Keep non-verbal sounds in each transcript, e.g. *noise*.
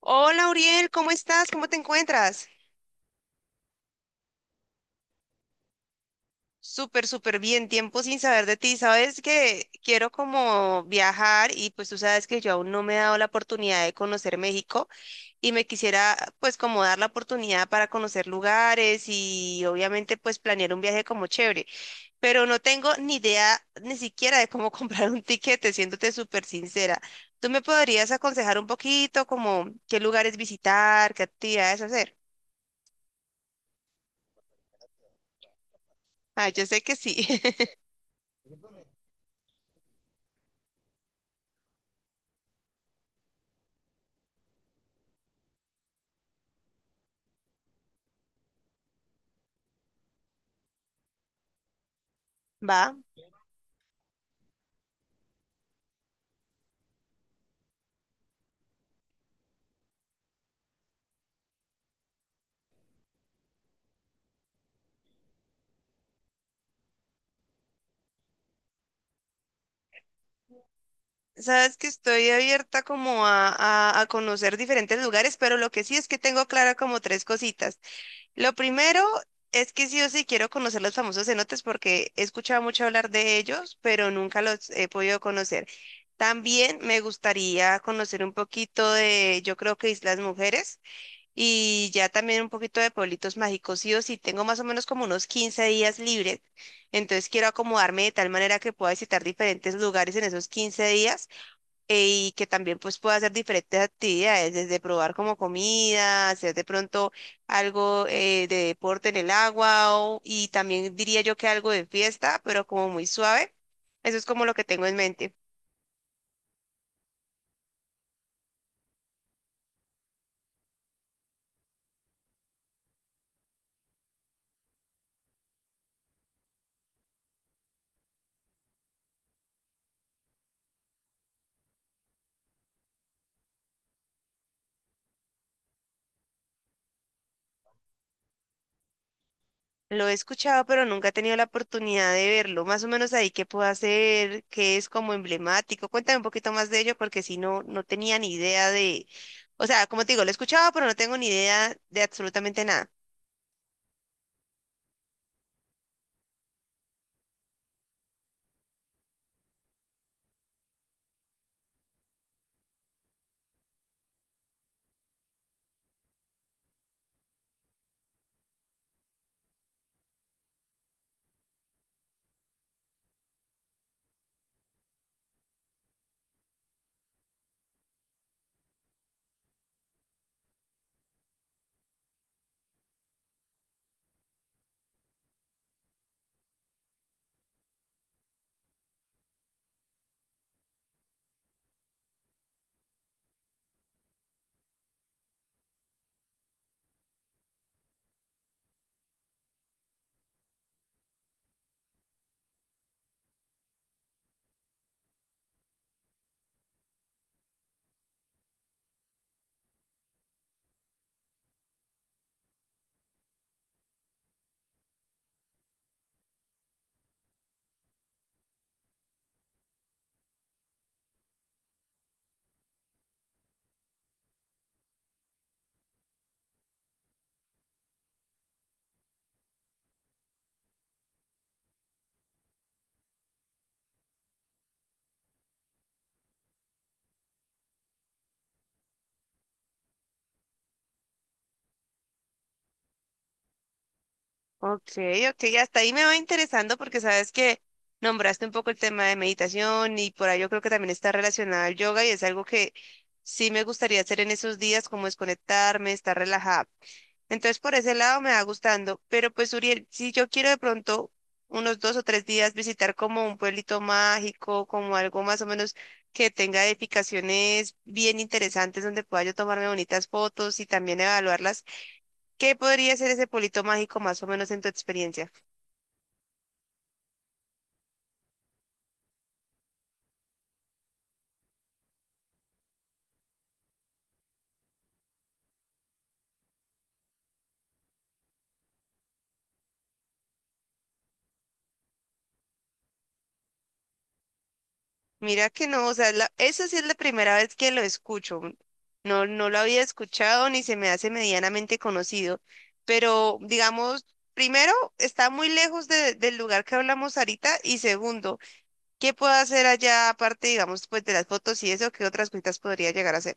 Hola, Uriel, ¿cómo estás? ¿Cómo te encuentras? Súper bien, tiempo sin saber de ti. Sabes que quiero como viajar y pues tú sabes que yo aún no me he dado la oportunidad de conocer México y me quisiera pues como dar la oportunidad para conocer lugares y obviamente pues planear un viaje como chévere, pero no tengo ni idea ni siquiera de cómo *laughs* comprar un tiquete, siéndote súper sincera. ¿Tú me podrías aconsejar un poquito como qué lugares visitar, qué actividades hacer? Ah, yo sé que sí. *laughs* Va. Sabes que estoy abierta como a conocer diferentes lugares, pero lo que sí es que tengo clara como tres cositas. Lo primero es que sí o sí quiero conocer los famosos cenotes porque he escuchado mucho hablar de ellos, pero nunca los he podido conocer. También me gustaría conocer un poquito de, yo creo que Islas Mujeres y ya también un poquito de pueblitos mágicos. Sí o sí, tengo más o menos como unos 15 días libres, entonces quiero acomodarme de tal manera que pueda visitar diferentes lugares en esos 15 días y que también pues pueda hacer diferentes actividades, desde probar como comida, hacer de pronto algo de deporte en el agua y también diría yo que algo de fiesta, pero como muy suave. Eso es como lo que tengo en mente. Lo he escuchado, pero nunca he tenido la oportunidad de verlo. Más o menos ahí qué puedo hacer, qué es como emblemático. Cuéntame un poquito más de ello porque si no, no tenía ni idea de, o sea, como te digo, lo he escuchado, pero no tengo ni idea de absolutamente nada. Ok, ok, hasta ahí me va interesando porque sabes que nombraste un poco el tema de meditación y por ahí yo creo que también está relacionado al yoga y es algo que sí me gustaría hacer en esos días, como desconectarme, estar relajada. Entonces por ese lado me va gustando, pero pues Uriel, si yo quiero de pronto unos dos o tres días visitar como un pueblito mágico, como algo más o menos que tenga edificaciones bien interesantes donde pueda yo tomarme bonitas fotos y también evaluarlas. ¿Qué podría ser ese polito mágico más o menos en tu experiencia? Mira que no, o sea, eso sí es la primera vez que lo escucho. No, no lo había escuchado ni se me hace medianamente conocido, pero digamos, primero, está muy lejos del lugar que hablamos ahorita y segundo, ¿qué puedo hacer allá aparte, digamos, pues de las fotos y eso, qué otras cositas podría llegar a hacer?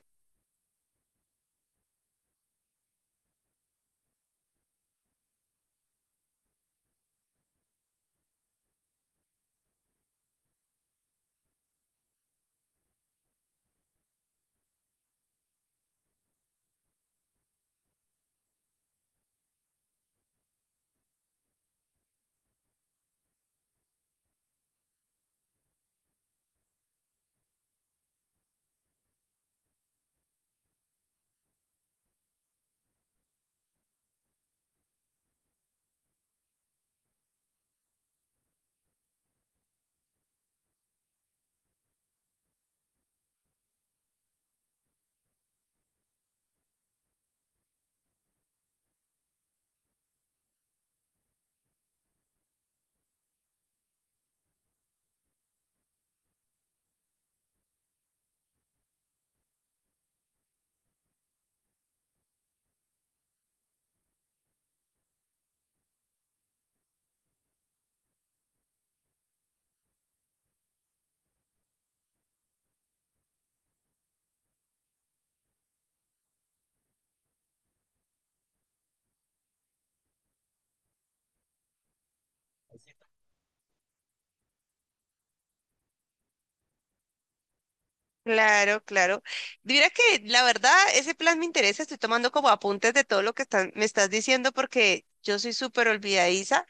Claro, claro. Mira que la verdad, ese plan me interesa, estoy tomando como apuntes de todo lo que están, me estás diciendo porque yo soy súper olvidadiza,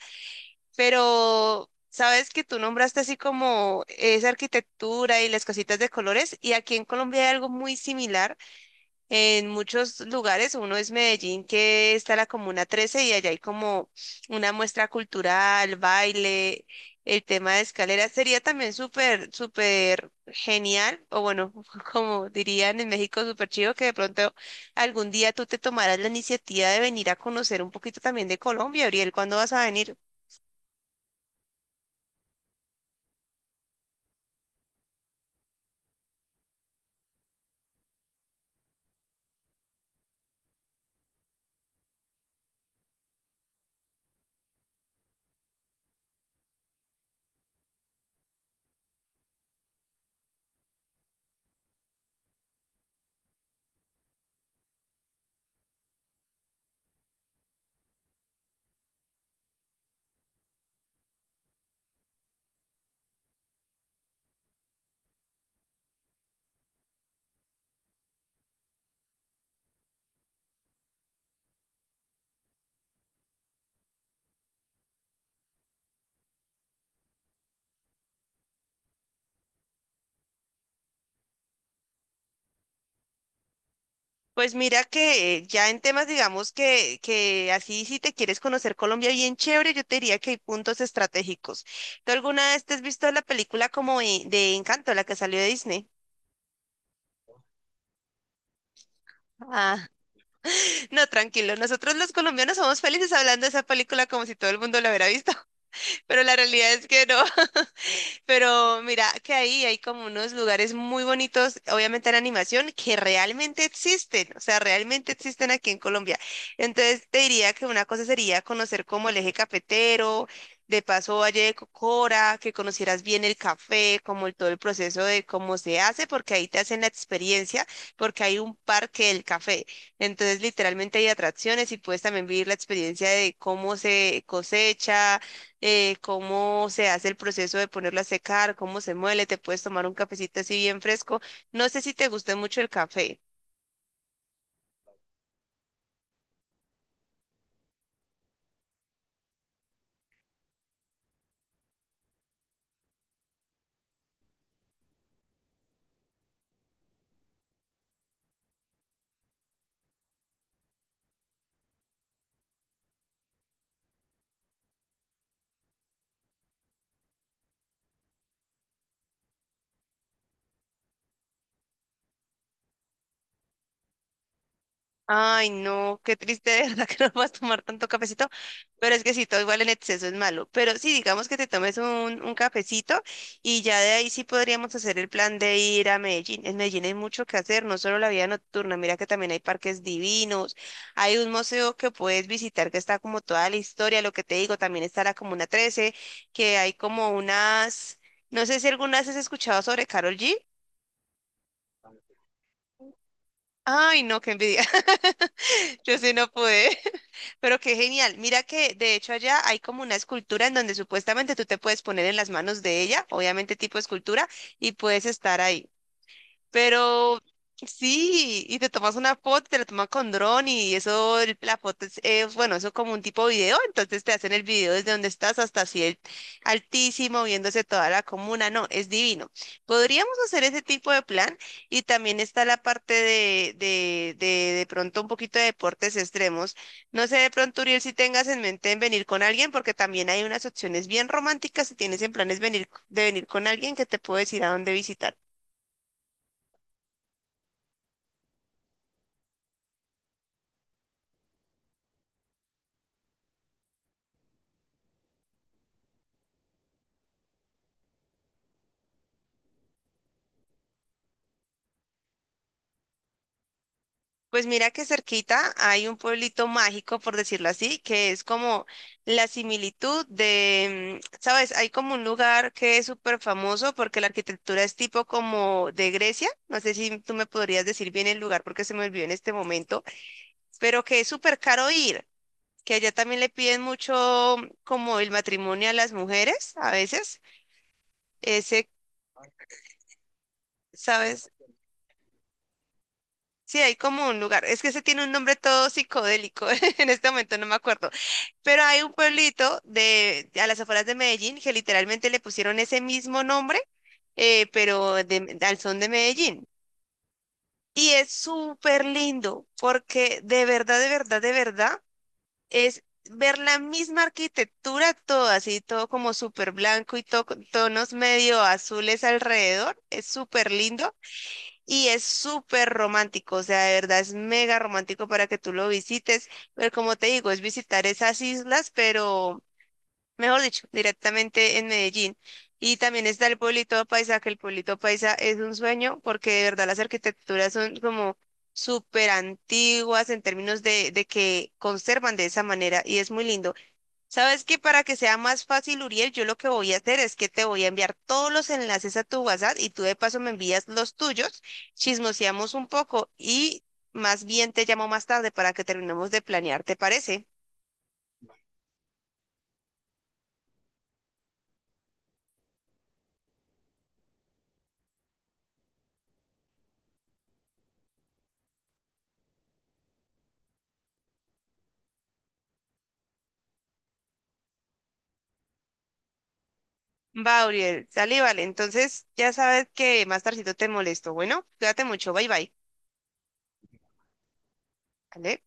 pero sabes que tú nombraste así como esa arquitectura y las cositas de colores, y aquí en Colombia hay algo muy similar. En muchos lugares, uno es Medellín, que está la Comuna 13, y allá hay como una muestra cultural, baile, el tema de escaleras. Sería también súper genial, o bueno, *laughs* como dirían en México, súper chido, que de pronto algún día tú te tomarás la iniciativa de venir a conocer un poquito también de Colombia, Ariel, ¿cuándo vas a venir? Pues mira que ya en temas, digamos que así si te quieres conocer Colombia bien chévere, yo te diría que hay puntos estratégicos. ¿Tú alguna vez te has visto la película como de Encanto, la que salió de Disney? Ah, *laughs* No, tranquilo, nosotros los colombianos somos felices hablando de esa película como si todo el mundo la hubiera visto, *laughs* pero la realidad es que no. Pero mira que ahí hay como unos lugares muy bonitos, obviamente en animación, que realmente existen, o sea, realmente existen aquí en Colombia. Entonces te diría que una cosa sería conocer como el eje cafetero, de paso Valle de Cocora, que conocieras bien el café, como todo el proceso de cómo se hace, porque ahí te hacen la experiencia, porque hay un parque del café. Entonces literalmente hay atracciones y puedes también vivir la experiencia de cómo se cosecha cómo se hace el proceso de ponerlo a secar, cómo se muele, te puedes tomar un cafecito así bien fresco. No sé si te guste mucho el café. Ay, no, qué triste, de verdad *laughs* que no vas a tomar tanto cafecito, pero es que si todo igual en exceso es malo, pero sí, digamos que te tomes un cafecito y ya de ahí sí podríamos hacer el plan de ir a Medellín. En Medellín hay mucho que hacer, no solo la vida nocturna, mira que también hay parques divinos, hay un museo que puedes visitar que está como toda la historia, lo que te digo, también está la Comuna 13, que hay como unas, no sé si alguna vez has escuchado sobre Carol G. Ay, no, qué envidia. *laughs* *laughs* Yo sí no pude, *laughs* pero qué genial. Mira que de hecho allá hay como una escultura en donde supuestamente tú te puedes poner en las manos de ella, obviamente tipo escultura, y puedes estar ahí. Pero sí, y te tomas una foto, te la tomas con dron y eso, la foto es, bueno, eso como un tipo video, entonces te hacen el video desde donde estás hasta así altísimo, viéndose toda la comuna, no, es divino. Podríamos hacer ese tipo de plan y también está la parte de pronto un poquito de deportes extremos. No sé de pronto, Uriel, si tengas en mente en venir con alguien, porque también hay unas opciones bien románticas si tienes en planes venir, de venir con alguien que te puedo decir a dónde visitar. Pues mira que cerquita hay un pueblito mágico, por decirlo así, que es como la similitud de, ¿sabes? Hay como un lugar que es súper famoso porque la arquitectura es tipo como de Grecia. No sé si tú me podrías decir bien el lugar porque se me olvidó en este momento, pero que es súper caro ir, que allá también le piden mucho como el matrimonio a las mujeres a veces. Ese, ¿sabes? Sí, hay como un lugar. Es que ese tiene un nombre todo psicodélico. *laughs* En este momento no me acuerdo. Pero hay un pueblito de, a las afueras de Medellín que literalmente le pusieron ese mismo nombre, pero al son de Medellín. Y es súper lindo porque de verdad es ver la misma arquitectura, todo así, todo como súper blanco y todo con tonos medio azules alrededor. Es súper lindo y es súper romántico. O sea, de verdad es mega romántico para que tú lo visites. Pero como te digo, es visitar esas islas, pero mejor dicho, directamente en Medellín. Y también está el pueblito paisa, que el pueblito paisa es un sueño porque de verdad las arquitecturas son como súper antiguas en términos de que conservan de esa manera y es muy lindo. ¿Sabes que Para que sea más fácil, Uriel, yo lo que voy a hacer es que te voy a enviar todos los enlaces a tu WhatsApp y tú de paso me envías los tuyos, chismoseamos un poco y más bien te llamo más tarde para que terminemos de planear, ¿te parece? Va, Uriel, dale, vale. Entonces, ya sabes que más tardito te molesto. Bueno, cuídate mucho, bye bye. ¿Vale?